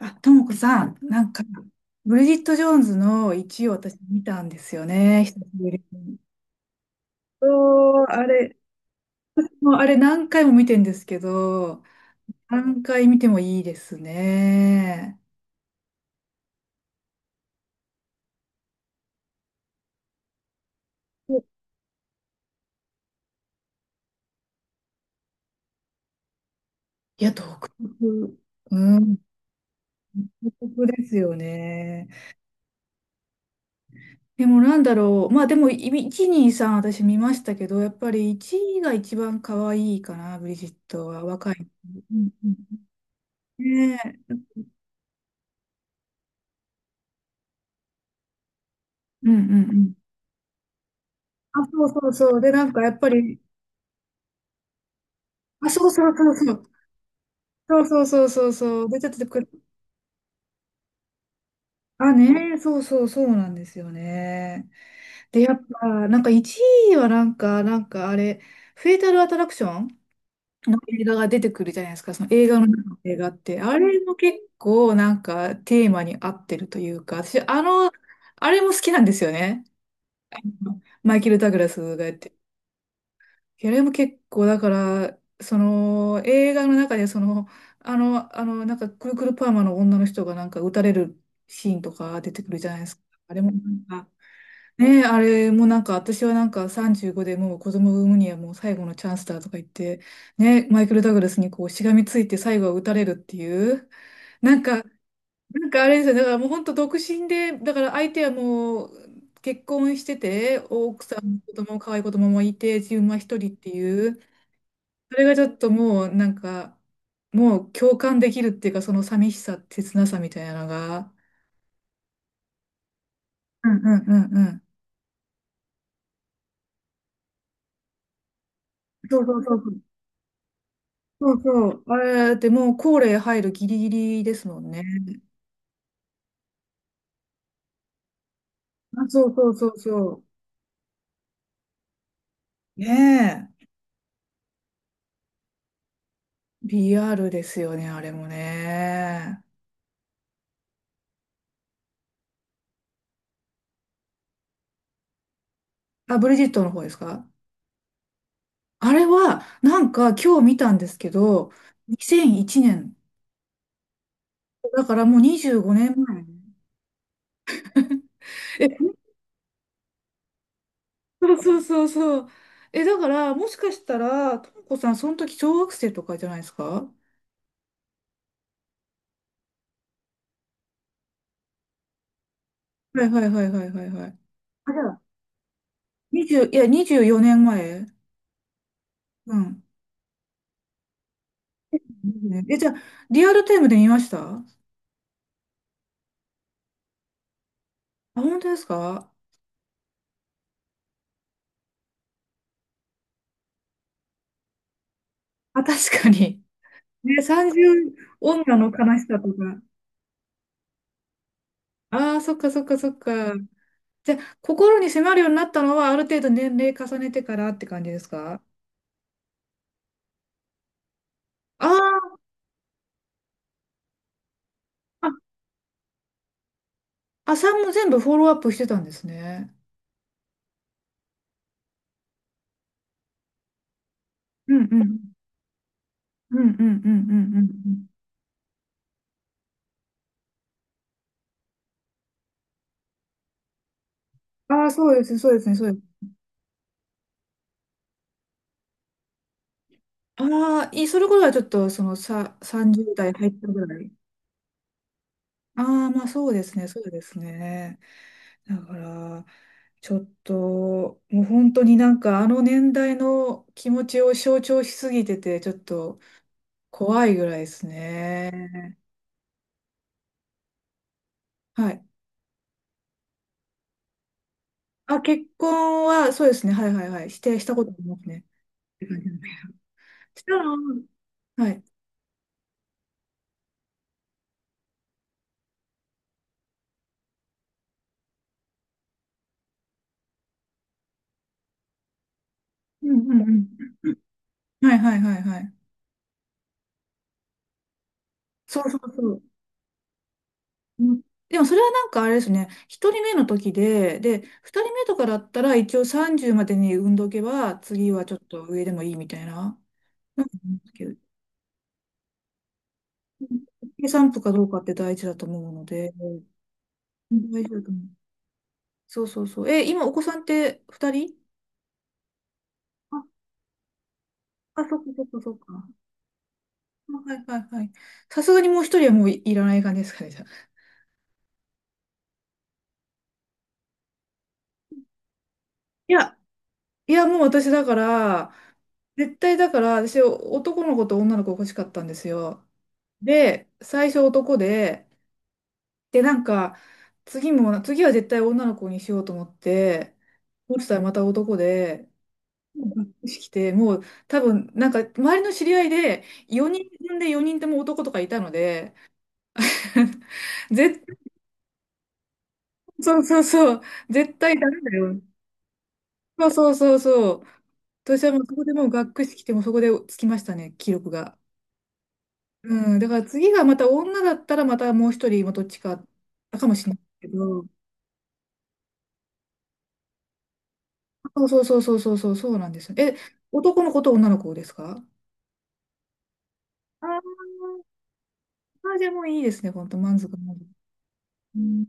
あ、ともこさん、なんか、ブリジット・ジョーンズの1を私見たんですよね、久しぶりに。そう、もうあれ何回も見てんですけど、何回見てもいいですね。いや、独特。うん、独特ですよね。でもなんだろう、まあでも1、2、3私見ましたけど、やっぱり1が一番可愛いかな、ブリジットは若い。うんうん、ねえうんうんうん。あ、そうそうそう。で、なんかやっぱり、あ、そうそうそうそう。そうそうそうそうそう。で、ちょっとくる。あ、ねえ、そうそうそうなんですよね。で、やっぱ、なんか1位はなんか、なんかあれ、フェイタルアトラクションの映画が出てくるじゃないですか、その映画の中の映画って。あれも結構なんかテーマに合ってるというか、私、あの、あれも好きなんですよね。マイケル・ダグラスがやっていや、でも結構、だから、その、映画の中で、その、あの、なんか、くるくるパーマの女の人が、なんか、撃たれるシーンとか出てくるじゃないですか。あれも、なんか、ねえ、あれもなんか、私はなんか、35でもう子供を産むにはもう最後のチャンスだとか言って、ねマイケル・ダグラスにこう、しがみついて最後は撃たれるっていう、なんか、なんかあれですよ、だからもう本当独身で、だから相手はもう、結婚してて、奥さんも子供、可愛い子供もいて、自分は一人っていう、それがちょっともうなんか、もう共感できるっていうか、その寂しさ、切なさみたいなのが。うんうんうんうん。そうそうそうそう。そうそう。あれだってもう高齢入るギリギリですもんね。あ、そうそうそうそう。ねえ。リアルですよね、あれもね。あ、ブリジットの方ですか？あれは、なんか今日見たんですけど、2001年。だからもう25年前。そうそうそうそう。え、だから、もしかしたら、ともこさん、その時小学生とかじゃないですか？はいはいはいはいはいはい。あ、じゃあ、20、いや、24年前。うん。ねえ、じゃあ、リアルタイムで見ましたあ、本当ですか？あ、確かに。ね、30女の悲しさとか。ああ、そっかそっかそっか。じゃあ、心に迫るようになったのは、ある程度年齢重ねてからって感じですか？あーあ、あ、さんも全部フォローアップしてたんですね。うんうん。うんうんうんうんうんうん。ああ、そうです、そうですね、そうです。ああ、いい、それこそはちょっと、その、30代入ったぐらい。ああ、まあそうですね、そうですね。だから、ちょっと、もう本当になんか、あの年代の気持ちを象徴しすぎてて、ちょっと怖いぐらいですね。はい。あ、結婚は、そうですね、はいはいはい、したことありますね。うん、したら、はい。うんうんうん。はいはいはいはい。そうそうそう。うん。でもそれはなんかあれですね、1人目の時で、2人目とかだったら一応30までに産んどけば、次はちょっと上でもいいみたいな、なんか思うんですけど、計算部かどうかって大事だと思うので、うん、大事だと思う。そうそうそう。え、今お子さんって2人？あ、あ、そっかそっかそっか。あ、はいはいはい。さすがにもう1人はもういらない感じですかね、じゃあ。いや、いやもう私だから、絶対だから、私男の子と女の子欲しかったんですよ。で、最初男で、なんか、次は絶対女の子にしようと思って、落ちたらまた男で、がっくし来て、もう多分、なんか、周りの知り合いで、4人で4人とも男とかいたので、絶対、そうそうそう、絶対ダメだよ。そうそうそうそう。私はもうそこでもうがっくし来て、もうそこでつきましたね、記録が。うん、だから次がまた女だったら、またもう一人、まあどっちか、かもしれないけど、そうそうそうそうそうそう、そうなんですよ。え、男の子と女の子ですか？あーあ、じゃあもういいですね、本当満足、満足。うん、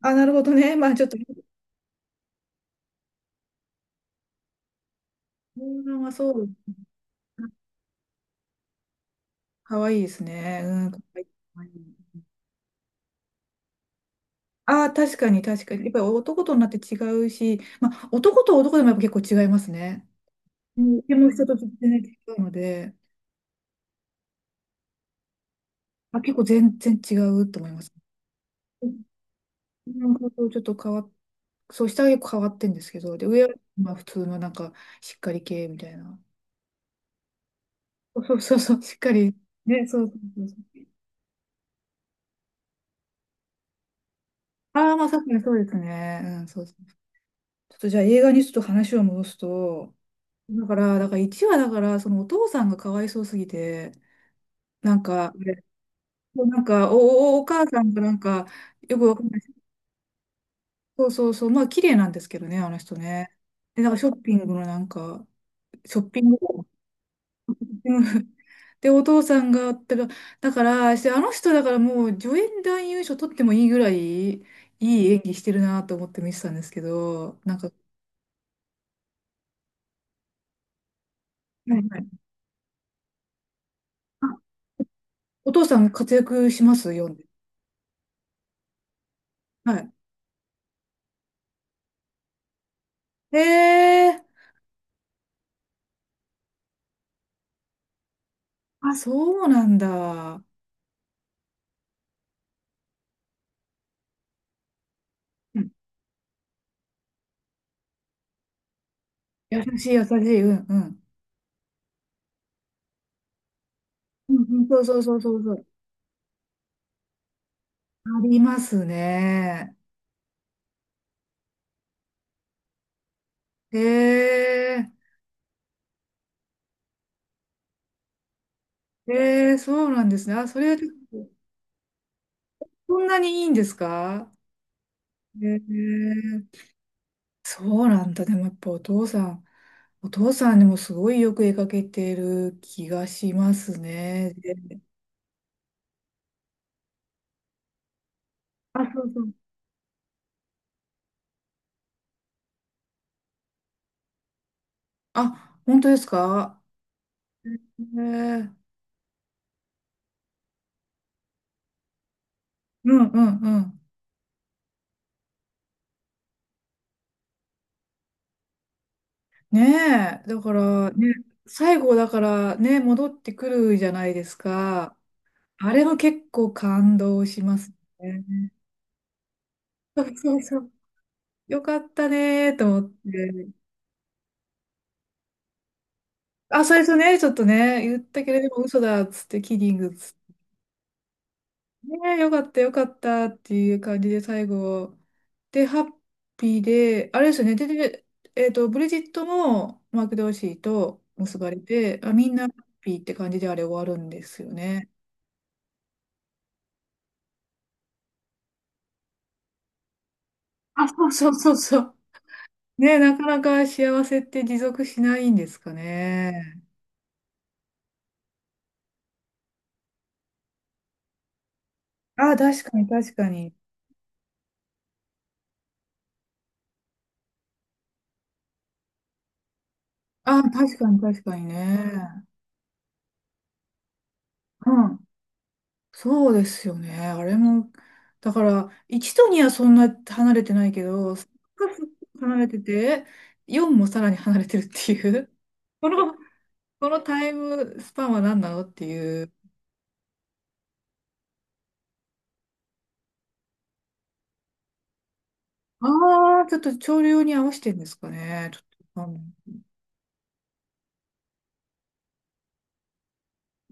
あ、なるほどね。まあちょっと、うん、まあそう、かわいいですね。うん、かわいい。かわいい。ああ、確かに確かに。やっぱり男と女って違うし、まあ男と男でもやっぱ結構違いますね。うん、でも人と全然違うので、あ、結構全然違うと思います。うん、なんかちょっと変わっそう、下は結構変わってんですけど、で、上はまあ普通のなんか、しっかり系みたいな。そうそうそう、しっかり。ね、そうそうそうそう。ああ、まあ確かにそうですね。うん、そうですね。ちょっとじゃあ映画にちょっと話を戻すと、だから1話だから、そのお父さんがかわいそうすぎて、なんか、そうなんか、お母さんがなんか、よくわかんない。そうそうそう、まあ綺麗なんですけどね、あの人ね。で、なんかショッピングのなんか、ショッピング、うん。で、お父さんが、だからあの人だからもう助演男優賞取ってもいいぐらい、いい演技してるなと思って見てたんですけど、なんか、はいはい、あ、お父さん活躍しますよんで、はい。へえ、あ、そうなんだ。うん、優しい、優しい、うん、うん。うんうん、そうそうそうそうそう。ありますね。へえ、へえ、そうなんですね。あ、それはちょっと、そんなにいいんですか？へえ、そうなんだ。でもやっぱお父さん、お父さんにもすごいよく絵描けてる気がしますね。で、あ、そうそう。あ、本当ですか？へえ、うんうんうん。ねえ、だからね、最後だからね、戻ってくるじゃないですか。あれも結構感動しますね。そうそうそう。よかったねーと思って。あ、最初ね、ちょっとね、言ったけれども嘘だっつって、キリングっつって、ねえ、よかったよかったっていう感じで最後。で、ハッピーで、あれですよね、で、ブリジットもマーク・ドーシーと結ばれて、あ、みんなハッピーって感じであれ終わるんですよね。あ、そうそうそうそう。ねえ、なかなか幸せって持続しないんですかね。あ、確かに確かに。あ、確かに確かにね。うん。そうですよね。あれも、だから、1と2はそんな離れてないけど、3が離れてて、4もさらに離れてるっていう、この、このタイムスパンは何なのっていう。ああ、ちょっと潮流に合わせてんですかね。ちょっとわかんない。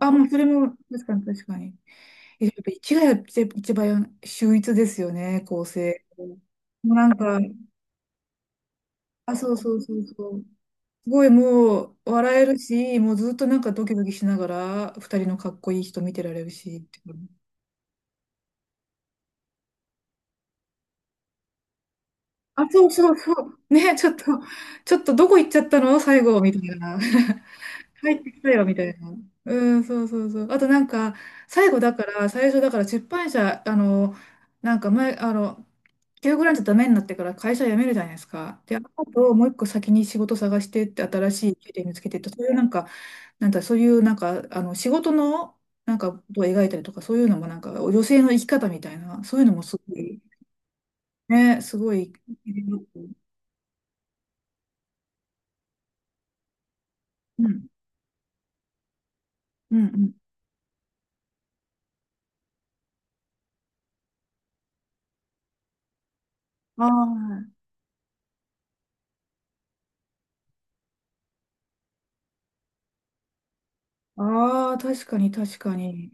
あ、もうそれも、確かに確かに。え、やっぱ1がやっぱ一番秀逸ですよね、構成。もうなんか、あ、そうそうそうそう。すごいもう笑えるし、もうずっとなんかドキドキしながら、二人のかっこいい人見てられるしっていう、あ、そうそうそう。ね、ちょっとどこ行っちゃったの最後、みたいな。入ってきたよ、みたいな。うん、そうそうそう。あとなんか、最後だから、最初だから出版社、あの、なんか前、あの、休グランじゃダメになってから会社辞めるじゃないですか。で、あともう一個先に仕事探してって新しい経験見つけてって、そういうなんかそういうなんかあの仕事のなんかことを描いたりとかそういうのもなんか女性の生き方みたいなそういうのもすごい、ね、すごい、うんうんうん、ああ、ああ、確かに確かに